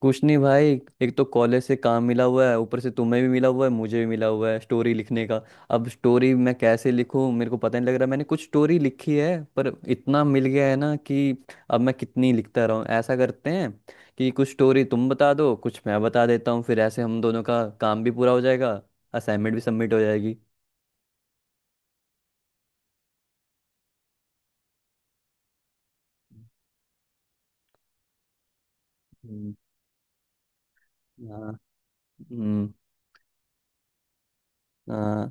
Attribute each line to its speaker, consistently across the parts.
Speaker 1: कुछ नहीं भाई, एक तो कॉलेज से काम मिला हुआ है, ऊपर से तुम्हें भी मिला हुआ है, मुझे भी मिला हुआ है स्टोरी लिखने का। अब स्टोरी मैं कैसे लिखूं मेरे को पता नहीं लग रहा। मैंने कुछ स्टोरी लिखी है पर इतना मिल गया है ना कि अब मैं कितनी लिखता रहूं। ऐसा करते हैं कि कुछ स्टोरी तुम बता दो, कुछ मैं बता देता हूँ, फिर ऐसे हम दोनों का काम भी पूरा हो जाएगा, असाइनमेंट भी सबमिट हो जाएगी। हम्म। हाँ। हम्म। हाँ।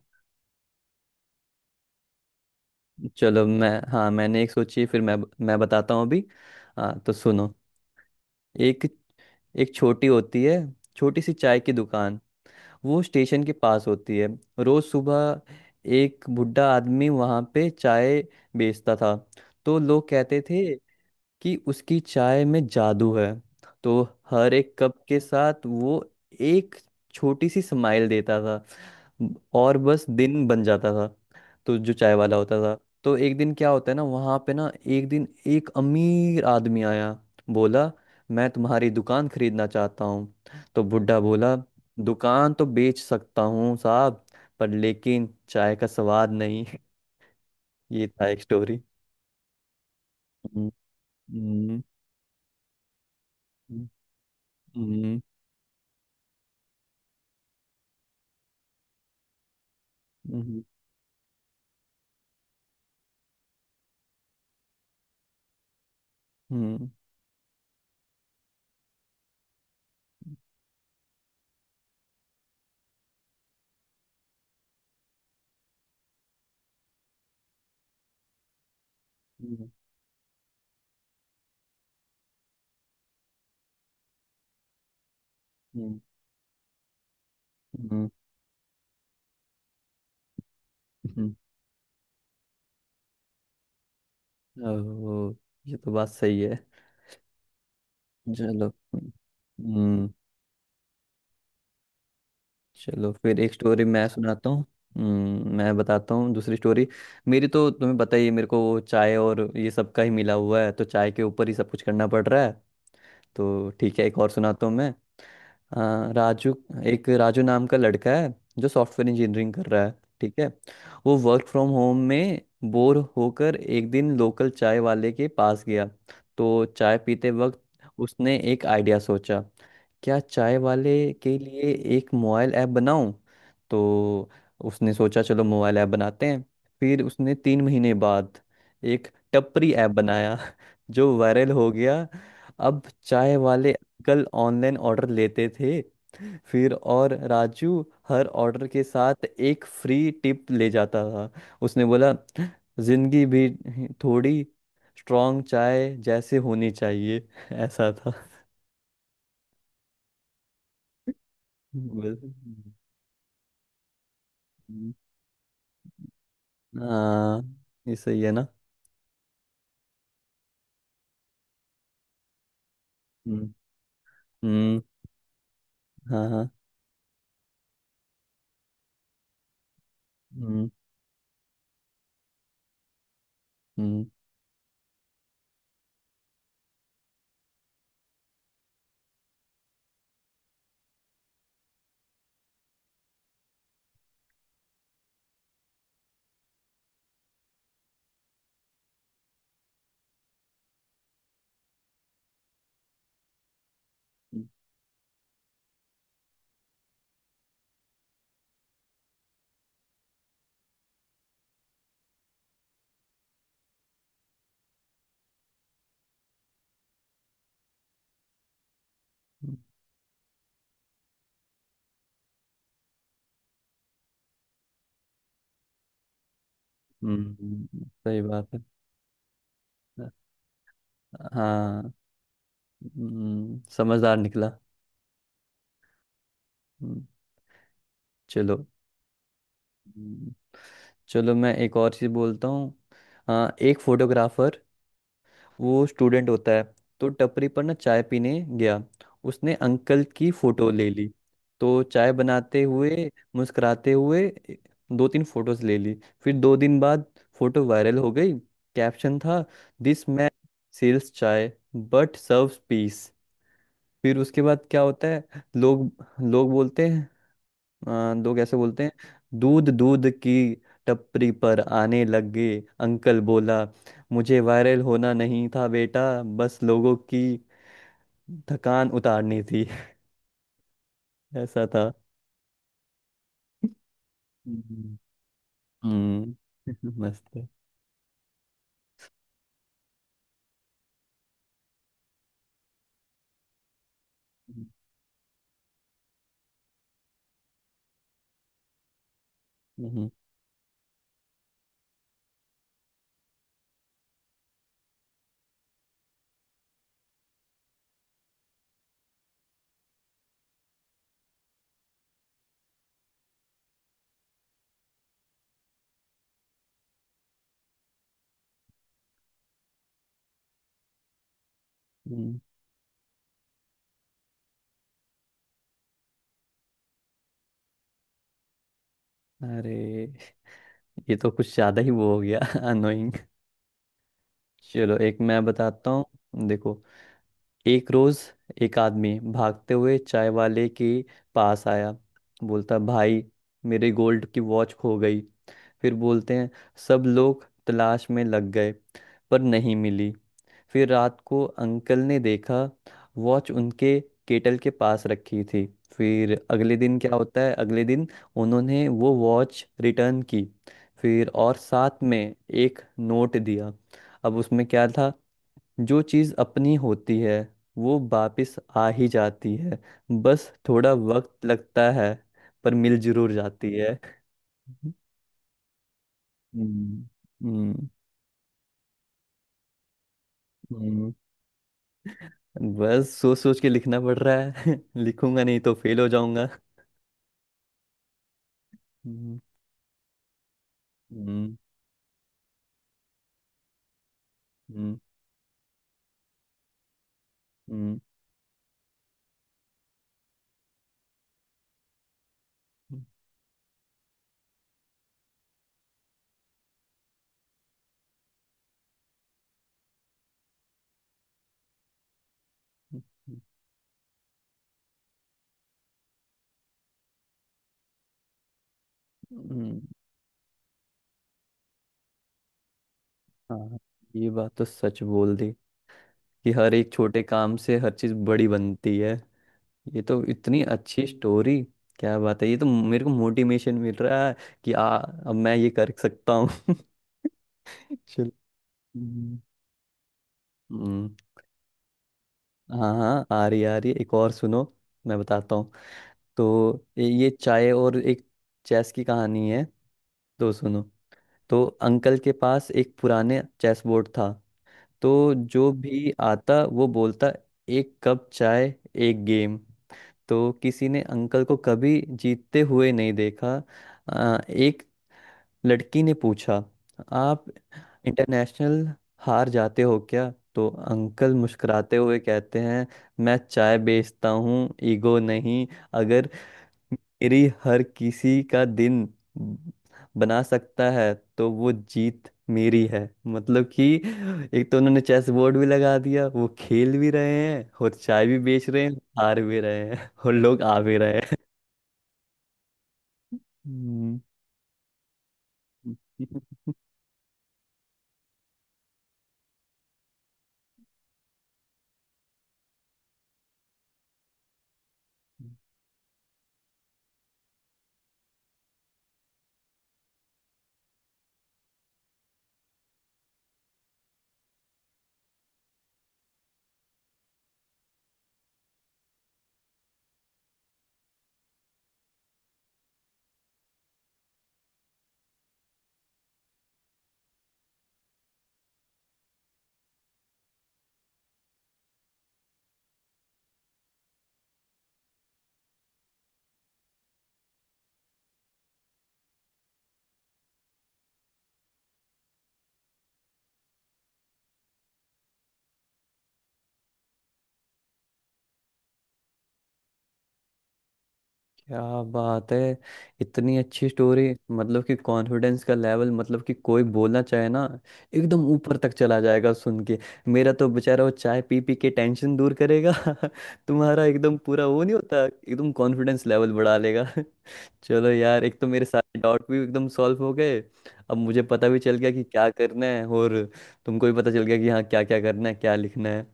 Speaker 1: चलो, मैं, हाँ, मैंने एक सोची, फिर मैं बताता हूँ अभी। हाँ, तो सुनो। एक एक छोटी होती है, छोटी सी चाय की दुकान। वो स्टेशन के पास होती है। रोज सुबह एक बुढ़ा आदमी वहां पे चाय बेचता था। तो लोग कहते थे कि उसकी चाय में जादू है। तो हर एक कप के साथ वो एक छोटी सी स्माइल देता था और बस दिन बन जाता था। तो जो चाय वाला होता था, तो एक दिन क्या होता है ना, वहाँ पे ना एक दिन एक अमीर आदमी आया। बोला, मैं तुम्हारी दुकान खरीदना चाहता हूँ। तो बुड्ढा बोला, दुकान तो बेच सकता हूँ साहब, पर लेकिन चाय का स्वाद नहीं। ये था एक स्टोरी। हम्म। हम्म। हम्म। हम्म। हम्म। हम्म। हम्म। हम्म। हम्म। हम्म। ओह, ये तो बात सही है। चलो। हम्म। चलो फिर एक स्टोरी मैं सुनाता हूँ। मैं बताता हूँ दूसरी स्टोरी। मेरी तो तुम्हें पता ही है, मेरे को वो चाय और ये सब का ही मिला हुआ है, तो चाय के ऊपर ही सब कुछ करना पड़ रहा है। तो ठीक है, एक और सुनाता हूँ मैं। हाँ, राजू। एक राजू नाम का लड़का है जो सॉफ्टवेयर इंजीनियरिंग कर रहा है। ठीक है। वो वर्क फ्रॉम होम में बोर होकर एक दिन लोकल चाय वाले के पास गया। तो चाय पीते वक्त उसने एक आइडिया सोचा, क्या चाय वाले के लिए एक मोबाइल ऐप बनाऊं। तो उसने सोचा, चलो मोबाइल ऐप बनाते हैं। फिर उसने 3 महीने बाद एक टपरी ऐप बनाया जो वायरल हो गया। अब चाय वाले कल ऑनलाइन ऑर्डर लेते थे। फिर और राजू हर ऑर्डर के साथ एक फ्री टिप ले जाता था। उसने बोला, जिंदगी भी थोड़ी स्ट्रांग चाय जैसे होनी चाहिए। ऐसा था। बस। हाँ, ये सही है ना। हम्म। हम्म। हाँ हाँ। हम्म। हम्म। हम्म। हम्म। सही बात है। हाँ। समझदार निकला। हम्म। चलो। हम्म, चलो मैं एक और चीज बोलता हूँ। हाँ, एक फोटोग्राफर, वो स्टूडेंट होता है, तो टपरी पर ना चाय पीने गया। उसने अंकल की फोटो ले ली। तो चाय बनाते हुए, मुस्कुराते हुए, ए- दो तीन फोटोज ले ली। फिर 2 दिन बाद फोटो वायरल हो गई। कैप्शन था, this man sells chai but serves peace. फिर उसके बाद क्या होता है, लोग लोग बोलते हैं। लोग ऐसे बोलते हैं। दूध दूध की टपरी पर आने लग गए। अंकल बोला, मुझे वायरल होना नहीं था बेटा, बस लोगों की थकान उतारनी थी। ऐसा था। हम्म। हम्म। मस्त है। हम्म। हम्म। अरे, ये तो कुछ ज्यादा ही वो हो गया अनोइंग। चलो, एक मैं बताता हूँ। देखो, एक रोज एक आदमी भागते हुए चाय वाले के पास आया। बोलता, भाई मेरे गोल्ड की वॉच खो गई। फिर बोलते हैं, सब लोग तलाश में लग गए पर नहीं मिली। फिर रात को अंकल ने देखा वॉच उनके केटल के पास रखी थी। फिर अगले दिन क्या होता है, अगले दिन उन्होंने वो वॉच रिटर्न की। फिर और साथ में एक नोट दिया। अब उसमें क्या था, जो चीज़ अपनी होती है वो वापस आ ही जाती है, बस थोड़ा वक्त लगता है, पर मिल जरूर जाती है। हम्म। हम्म। हम्म, बस सोच सोच के लिखना पड़ रहा है। लिखूंगा नहीं तो फेल हो जाऊंगा। हम्म। हम्म। हम्म। हम्म। हम्म। हम्म। हाँ, ये बात तो सच बोल दी कि हर एक छोटे काम से हर चीज़ बड़ी बनती है। ये तो इतनी अच्छी स्टोरी, क्या बात है। ये तो मेरे को मोटिवेशन मिल रहा है कि आ अब मैं ये कर सकता हूँ। चलो। हम्म। हम्म, हाँ हाँ आ रही है। एक और सुनो, मैं बताता हूँ। तो ये चाय और एक चेस की कहानी है। तो सुनो। तो अंकल के पास एक पुराने चेस बोर्ड था। तो जो भी आता वो बोलता, एक कप चाय, एक गेम। तो किसी ने अंकल को कभी जीतते हुए नहीं देखा। एक लड़की ने पूछा, आप इंटरनेशनल हार जाते हो क्या? तो अंकल मुस्कुराते हुए कहते हैं, मैं चाय बेचता हूँ, ईगो नहीं। अगर मेरी हर किसी का दिन ब- बना सकता है तो वो जीत मेरी है। मतलब कि एक तो उन्होंने चेस बोर्ड भी लगा दिया, वो खेल भी रहे हैं और चाय भी बेच रहे हैं, हार भी रहे हैं और लोग आ भी रहे हैं। हम्म। क्या बात है, इतनी अच्छी स्टोरी। मतलब कि कॉन्फिडेंस का लेवल, मतलब कि कोई बोलना चाहे ना, एकदम ऊपर तक चला जाएगा सुन के। मेरा तो बेचारा वो चाय पी पी के टेंशन दूर करेगा। तुम्हारा एकदम पूरा वो नहीं होता, एकदम कॉन्फिडेंस लेवल बढ़ा लेगा। चलो यार, एक तो मेरे सारे डाउट भी एकदम सॉल्व हो गए। अब मुझे पता भी चल गया कि क्या करना है, और तुमको भी पता चल गया कि हाँ क्या क्या करना है, क्या लिखना है।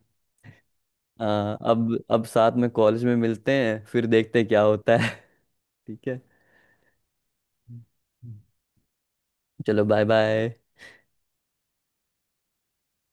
Speaker 1: हाँ, अब साथ में कॉलेज में मिलते हैं, फिर देखते हैं क्या होता है। ठीक है, चलो बाय बाय।